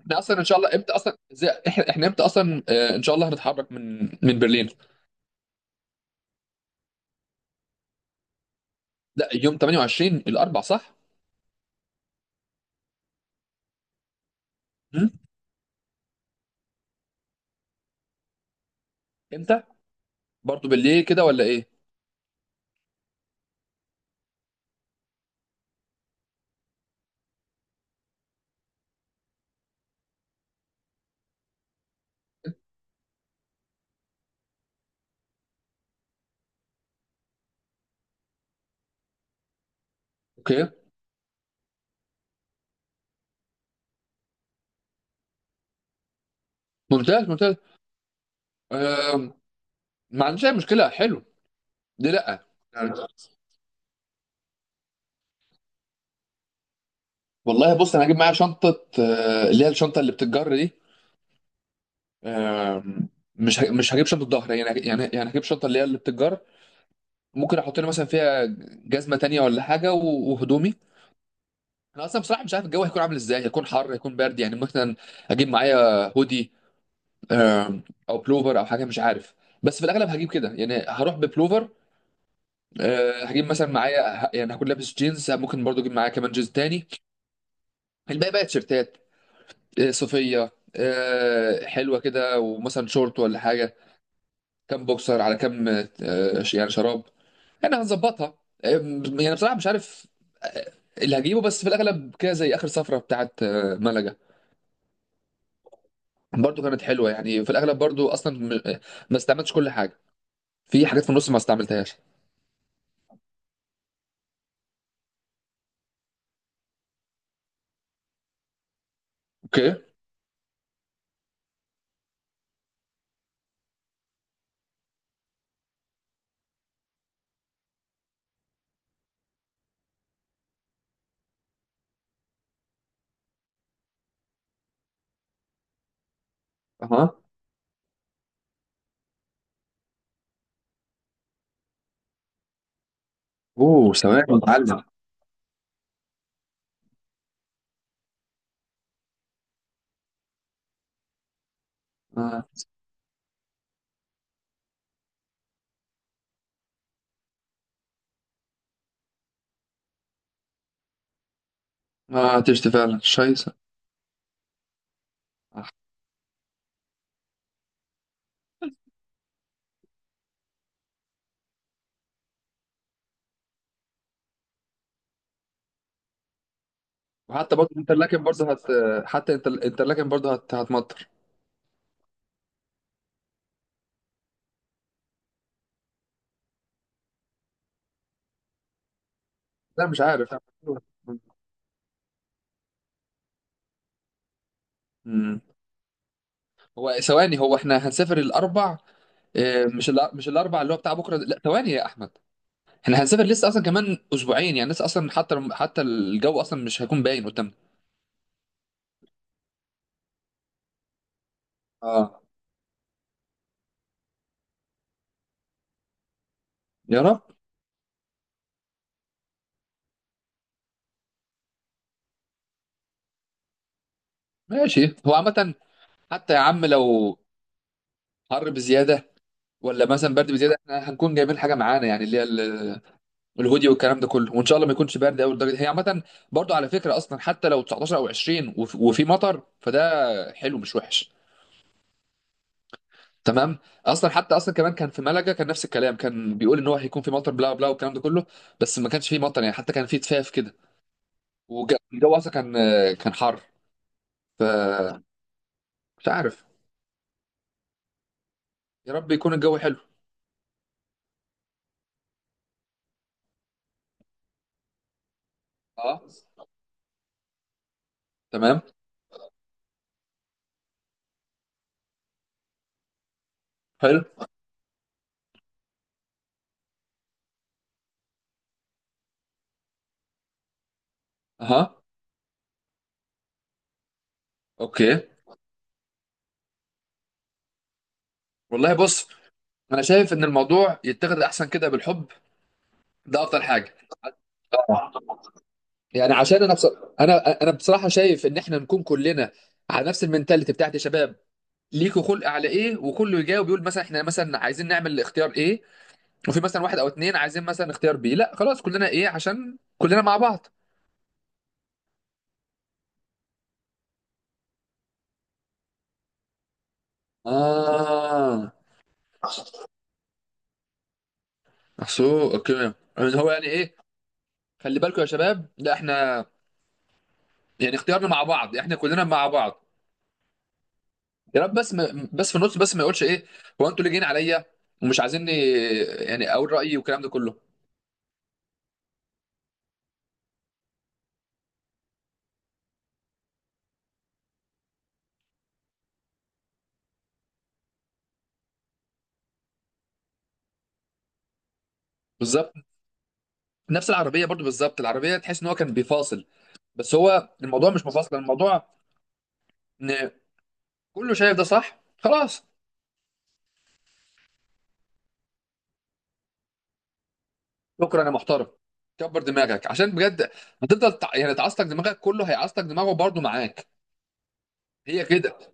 احنا اصلا ان شاء الله امتى اصلا زي احنا احنا امتى اصلا ان شاء الله هنتحرك من برلين. لا، يوم 28 الاربع، صح؟ هم؟ امتى؟ برضو بالليل كده ولا ايه؟ اوكي، ممتاز ممتاز. آم، ما عنديش اي مشكله، حلو. دي لا. يعني والله بص، انا هجيب معايا شنطه، اللي هي الشنطه اللي بتتجر دي. آم، مش هجيب شنطه ظهر يعني، هجيب شنطه اللي هي اللي بتتجر. ممكن احط لي مثلا فيها جزمه تانية ولا حاجه وهدومي. انا اصلا بصراحه مش عارف الجو هيكون عامل ازاي، هيكون حر، هيكون برد يعني. مثلا اجيب معايا هودي، آم، او بلوفر او حاجه، مش عارف. بس في الاغلب هجيب كده يعني، هروح ببلوفر. هجيب مثلا معايا يعني هكون لابس جينز، ممكن برضو اجيب معايا كمان جينز تاني. الباقي بقى تيشيرتات، صوفيه، حلوه كده، ومثلا شورت ولا حاجه، كام بوكسر على كام، يعني شراب. يعني هنظبطها. يعني بصراحه مش عارف آه، اللي هجيبه، بس في الاغلب كده زي اخر سفره بتاعت ملقا. برضو كانت حلوه يعني، في الاغلب برضو اصلا ما استعملتش كل حاجه. في حاجات في النص ما استعملتهاش. اوكي. اها. اوه، ثواني اتعلم. آه. ما هتشتي فعلا، شايسه. آه. وحتى برضو الانترلاكن برضو حتى الانترلاكن برضو هتمطر. لا، مش عارف. مم. هو ثواني، هو احنا هنسافر الاربع؟ مش مش الاربع اللي هو بتاع بكره ده. لا ثواني يا احمد، احنا هنسافر لسه اصلا كمان اسبوعين يعني، لسه اصلا حتى الجو اصلا مش هيكون باين قدامنا. اه. يا رب. ماشي، هو عامة حتى يا عم، لو حر بزياده ولا مثلا برد بزياده، احنا هنكون جايبين حاجه معانا يعني، اللي هي الهودي والكلام ده كله، وان شاء الله ما يكونش برد قوي لدرجه. هي عامه برضو، على فكره اصلا، حتى لو 19 او 20 وفي مطر، فده حلو، مش وحش. تمام. اصلا حتى اصلا كمان كان في ملقا كان نفس الكلام، كان بيقول ان هو هيكون في مطر بلا بلا، والكلام ده كله. بس ما كانش فيه مطر يعني، حتى كان فيه تفاف كده، والجو اصلا كان حر. فمش عارف، يا رب يكون الجو حلو. اه، تمام. حلو. اها. اوكي. والله بص، انا شايف ان الموضوع يتاخد احسن كده بالحب. ده افضل حاجه. يعني عشان انا بص. انا بصراحه شايف ان احنا نكون كلنا على نفس المنتاليتي، بتاعت يا شباب ليكوا خلق على ايه، وكله يجاوب، يقول مثلا احنا مثلا عايزين نعمل اختيار ايه، وفي مثلا واحد او اتنين عايزين مثلا اختيار بي، لا خلاص كلنا ايه، عشان كلنا مع بعض. اه. احسو، اوكي يعني. هو يعني ايه، خلي بالكم يا شباب، لا احنا يعني اختيارنا مع بعض، احنا كلنا مع بعض. يا رب بس، ما بس في النص بس ما يقولش ايه، هو انتوا اللي جايين عليا ومش عايزيني يعني اقول رايي، والكلام ده كله. بالظبط. نفس العربيه برضو بالظبط، العربيه تحس ان هو كان بيفاصل، بس هو الموضوع مش مفاصل، الموضوع ان كله شايف ده صح، خلاص. شكرا يا محترم، كبر دماغك عشان بجد هتفضل يعني تعصتك دماغك، كله هيعصتك دماغه برضو معاك. هي كده.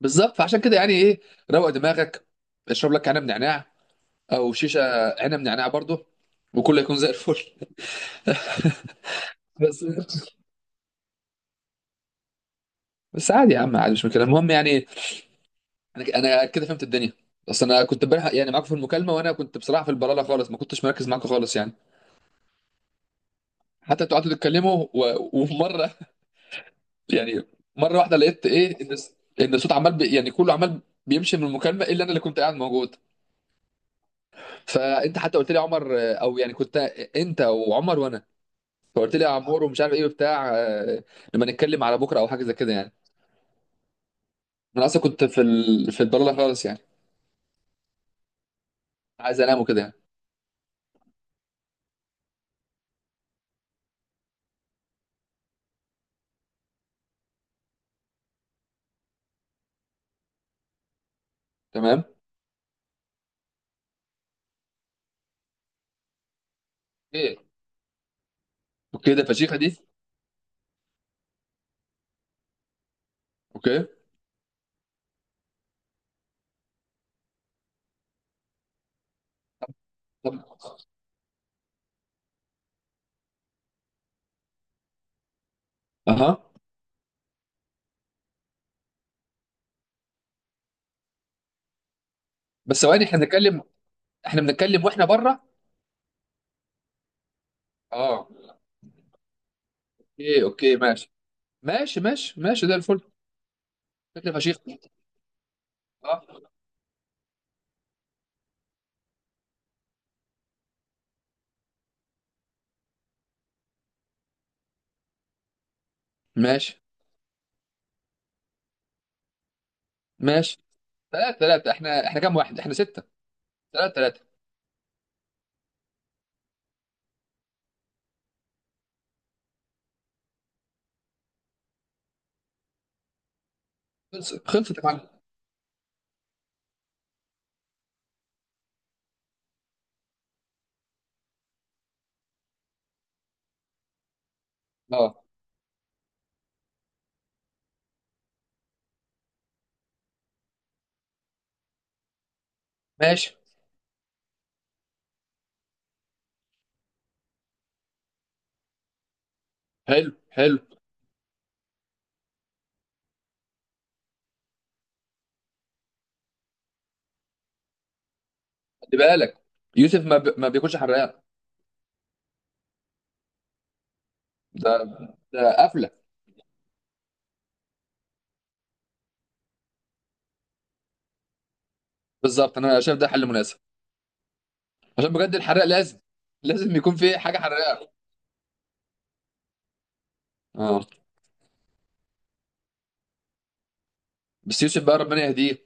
بالظبط، فعشان كده يعني ايه، روق دماغك، اشرب لك عنب نعناع، او شيشه، عنب نعناع برضو، وكله يكون زي الفل. بس. بس عادي يا عم، عادي، مش مشكله، المهم يعني انا كده فهمت الدنيا. بس انا كنت امبارح يعني معاكم في المكالمه، وانا كنت بصراحه في البلاله خالص، ما كنتش مركز معاكم خالص يعني. حتى انتوا قعدتوا تتكلموا ومره يعني مره واحده لقيت ايه، ان ان الصوت عمال يعني كله عمال بيمشي من المكالمه، الا انا اللي كنت قاعد موجود. فانت حتى قلت لي يا عمر، او يعني كنت انت وعمر وانا، فقلت لي يا عمور ومش عارف ايه وبتاع، لما نتكلم على بكره او حاجه زي كده يعني. انا اصلا كنت في البلاله خالص يعني، عايز انام وكده يعني. تمام. ايه. اوكي، ده فشيخه دي. اوكي. طب. اها. بس ثواني، احنا بنتكلم، احنا بنتكلم واحنا بره. اه. اوكي اوكي، ماشي ماشي ماشي ماشي، زي الفل. شكل فشيخ. اه. ماشي. ماشي. ثلاثة ثلاثة، احنا كام واحد؟ احنا ستة. ثلاثة ثلاثة. خلصت خلصت يا معلم. اه، ماشي. حلو حلو. خلي بالك، يوسف ما بياكلش حراق. ده ده قفلة. بالظبط، انا شايف ده حل مناسب. عشان بجد الحراق لازم، لازم يكون في حاجة حراقة. اه. بس يوسف بقى، ربنا يهديه.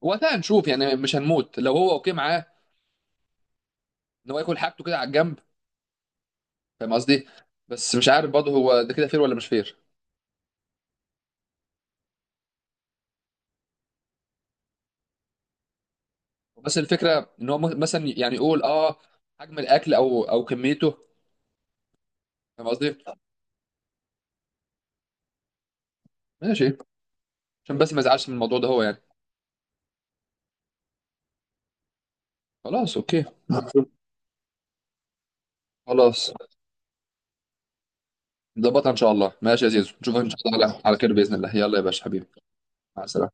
وقتها هنشوف يعني، مش هنموت لو هو اوكي معاه ان هو ياكل حاجته كده على الجنب، فاهم قصدي. بس مش عارف برضه هو ده كده فير ولا مش فير. بس الفكره ان هو مثلا يعني يقول اه حجم الاكل او كميته، فاهم قصدي. ماشي، عشان بس ما يزعلش من الموضوع ده هو يعني. خلاص اوكي. خلاص. نظبطها ان شاء الله. ماشي يا زيزو، نشوفك ان شاء الله على خير باذن الله. يلا يا باشا حبيبي، مع السلامه.